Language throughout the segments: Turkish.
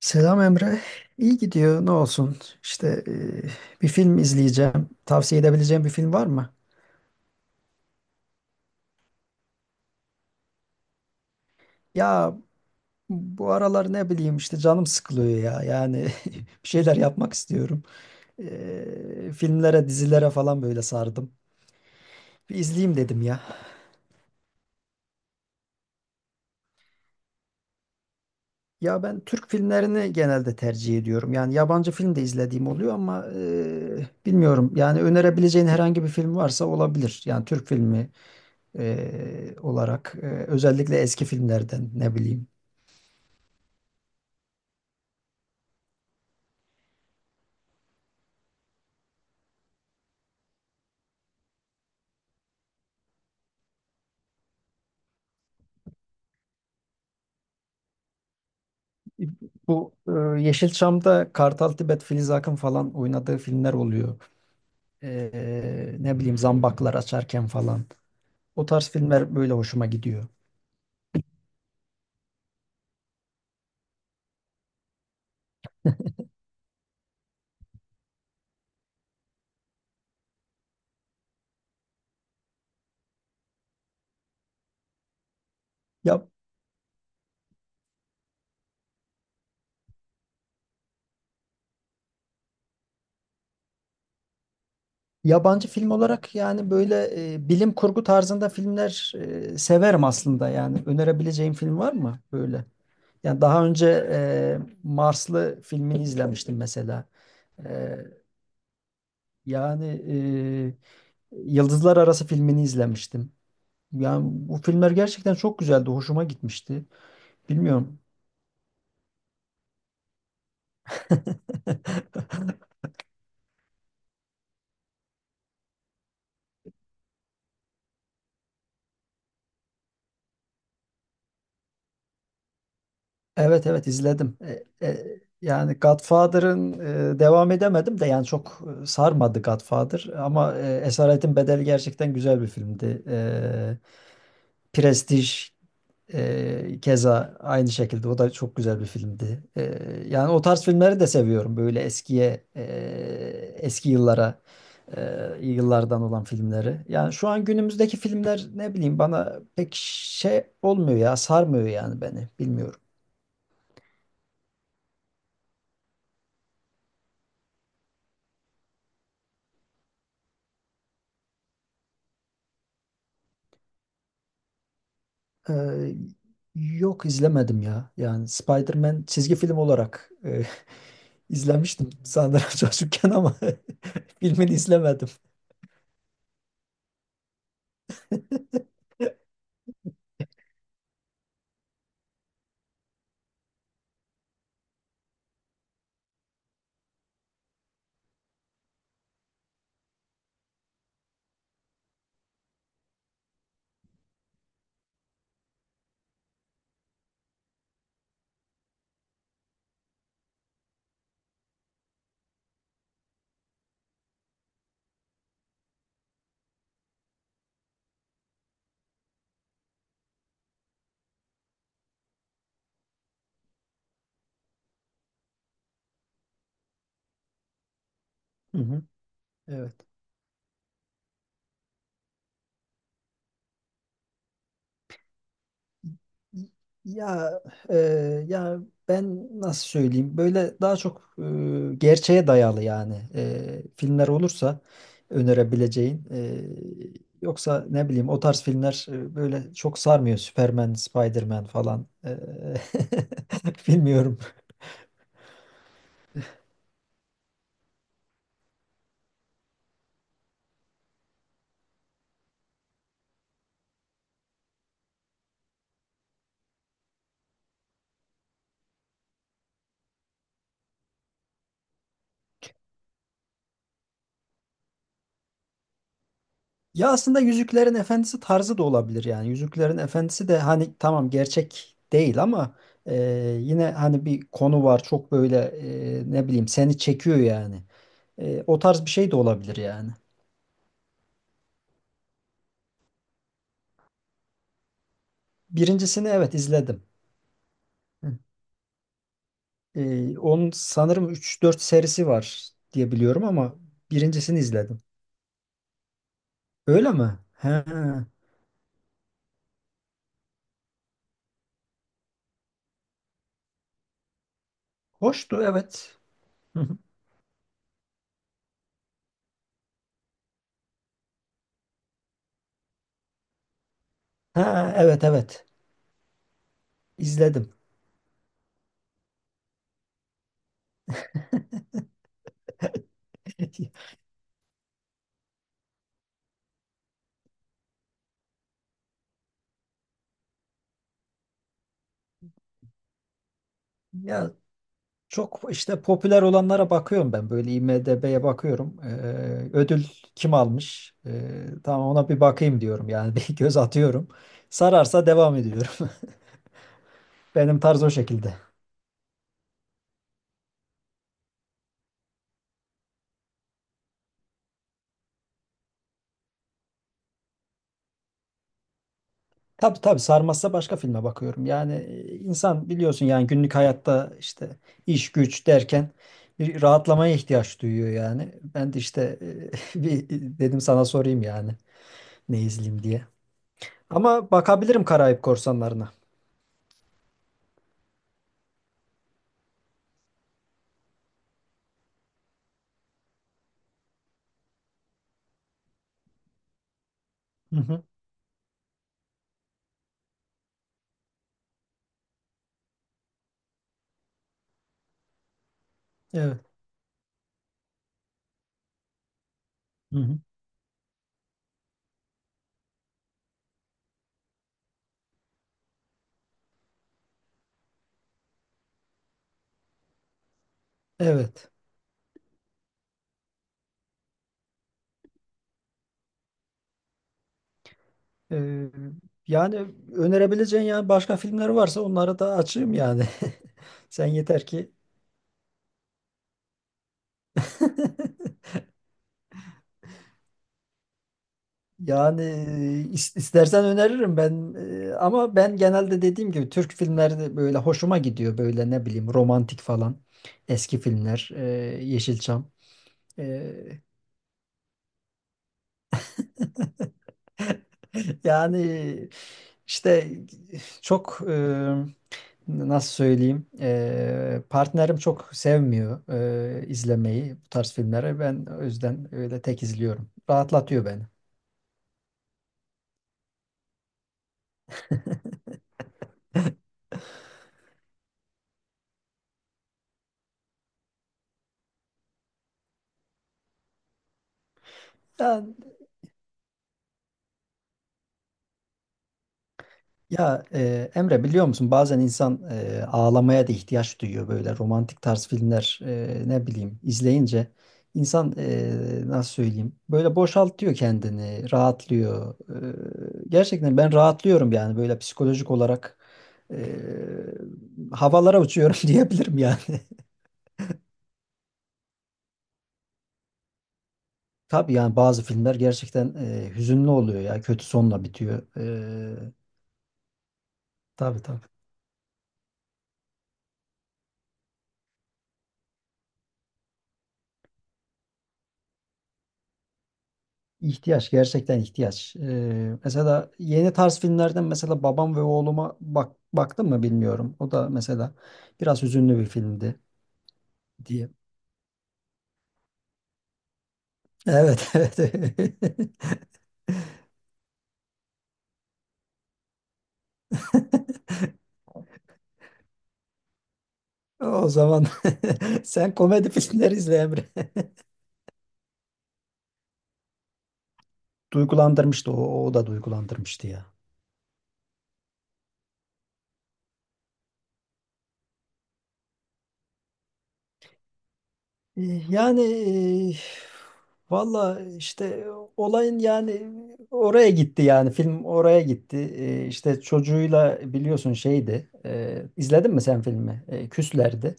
Selam Emre. İyi gidiyor. Ne olsun? İşte bir film izleyeceğim. Tavsiye edebileceğim bir film var mı? Ya bu aralar ne bileyim işte canım sıkılıyor ya. Yani bir şeyler yapmak istiyorum. E, filmlere, dizilere falan böyle sardım. Bir izleyeyim dedim ya. Ya ben Türk filmlerini genelde tercih ediyorum. Yani yabancı film de izlediğim oluyor ama bilmiyorum. Yani önerebileceğin herhangi bir film varsa olabilir. Yani Türk filmi olarak özellikle eski filmlerden ne bileyim. Bu e, Yeşilçam'da Kartal Tibet, Filiz Akın falan oynadığı filmler oluyor. Ne bileyim Zambaklar Açarken falan. O tarz filmler böyle hoşuma gidiyor. Ya, yabancı film olarak yani böyle bilim kurgu tarzında filmler severim aslında yani. Önerebileceğim film var mı böyle? Yani daha önce Marslı filmini izlemiştim mesela. E, yani e, Yıldızlar Arası filmini izlemiştim. Yani bu filmler gerçekten çok güzeldi. Hoşuma gitmişti. Bilmiyorum. Evet evet izledim. Yani Godfather'ın devam edemedim de yani çok sarmadı Godfather ama Esaretin Bedeli gerçekten güzel bir filmdi. Prestige, keza aynı şekilde o da çok güzel bir filmdi. Yani o tarz filmleri de seviyorum. Böyle eskiye, eski yıllara, e, yıllardan olan filmleri. Yani şu an günümüzdeki filmler ne bileyim bana pek şey olmuyor ya, sarmıyor yani beni. Bilmiyorum. Ee, Yok izlemedim ya. Yani Spider-Man çizgi film olarak izlemiştim sanırım çocukken ama filmini izlemedim. Hı hı. Evet. Ya e, ya ben nasıl söyleyeyim böyle daha çok gerçeğe dayalı yani filmler olursa önerebileceğin yoksa ne bileyim o tarz filmler böyle çok sarmıyor Superman, Spiderman falan. Bilmiyorum. Ya aslında Yüzüklerin Efendisi tarzı da olabilir yani Yüzüklerin Efendisi de hani tamam gerçek değil ama e, yine hani bir konu var çok böyle ne bileyim seni çekiyor yani. O tarz bir şey de olabilir yani. Birincisini evet izledim. Hı. Onun sanırım üç dört serisi var diye biliyorum ama birincisini izledim. Öyle mi? He. Hoştu evet. Hı hı. Ha, evet evet izledim. Ya çok işte popüler olanlara bakıyorum ben böyle IMDb'ye bakıyorum. Ödül kim almış? Tamam ona bir bakayım diyorum yani bir göz atıyorum. Sararsa devam ediyorum. Benim tarz o şekilde. Tabii tabii sarmazsa başka filme bakıyorum. Yani insan biliyorsun yani günlük hayatta işte iş güç derken bir rahatlamaya ihtiyaç duyuyor yani. Ben de işte bir dedim sana sorayım yani ne izleyeyim diye. Ama bakabilirim Karayip Korsanları'na. Hı hı. Evet. Hı hı. Evet. Ee, Yani önerebileceğin yani başka filmler varsa onları da açayım yani. Sen yeter ki. Yani istersen öneririm ben, ama ben genelde dediğim gibi Türk filmleri böyle hoşuma gidiyor böyle ne bileyim romantik falan eski filmler, Yeşilçam. E, Yani işte çok nasıl söyleyeyim, partnerim çok sevmiyor izlemeyi bu tarz filmleri, ben o yüzden öyle tek izliyorum, rahatlatıyor beni. Yani ya Emre biliyor musun bazen insan ağlamaya da ihtiyaç duyuyor böyle romantik tarz filmler ne bileyim izleyince insan nasıl söyleyeyim böyle boşaltıyor kendini rahatlıyor. Gerçekten ben rahatlıyorum yani böyle psikolojik olarak e, havalara uçuyorum diyebilirim yani. Tabii yani bazı filmler gerçekten hüzünlü oluyor ya, kötü sonla bitiyor. E, tabii tabii. ihtiyaç gerçekten ihtiyaç. Mesela yeni tarz filmlerden mesela Babam ve Oğluma bak baktım mı bilmiyorum. O da mesela biraz hüzünlü bir filmdi diye. Evet evet. O zaman sen komedi filmleri izle Emre. Duygulandırmıştı, o, o da duygulandırmıştı ya. E, Yani e, valla işte olayın yani oraya gitti yani, film oraya gitti. E, işte çocuğuyla biliyorsun şeydi. E, izledin mi sen filmi? E, küslerdi.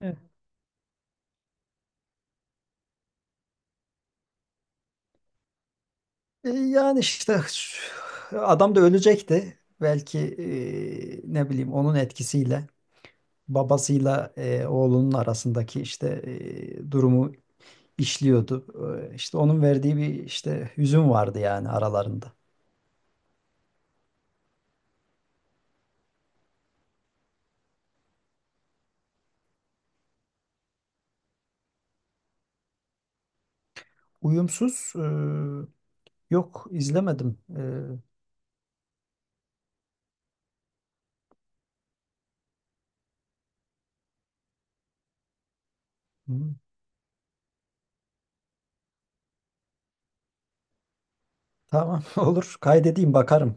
Evet. Yani işte adam da ölecekti. Belki ne bileyim onun etkisiyle babasıyla oğlunun arasındaki işte durumu işliyordu. İşte onun verdiği bir işte hüzün vardı yani aralarında. Uyumsuz, yok izlemedim. Hı, tamam olur, kaydedeyim bakarım.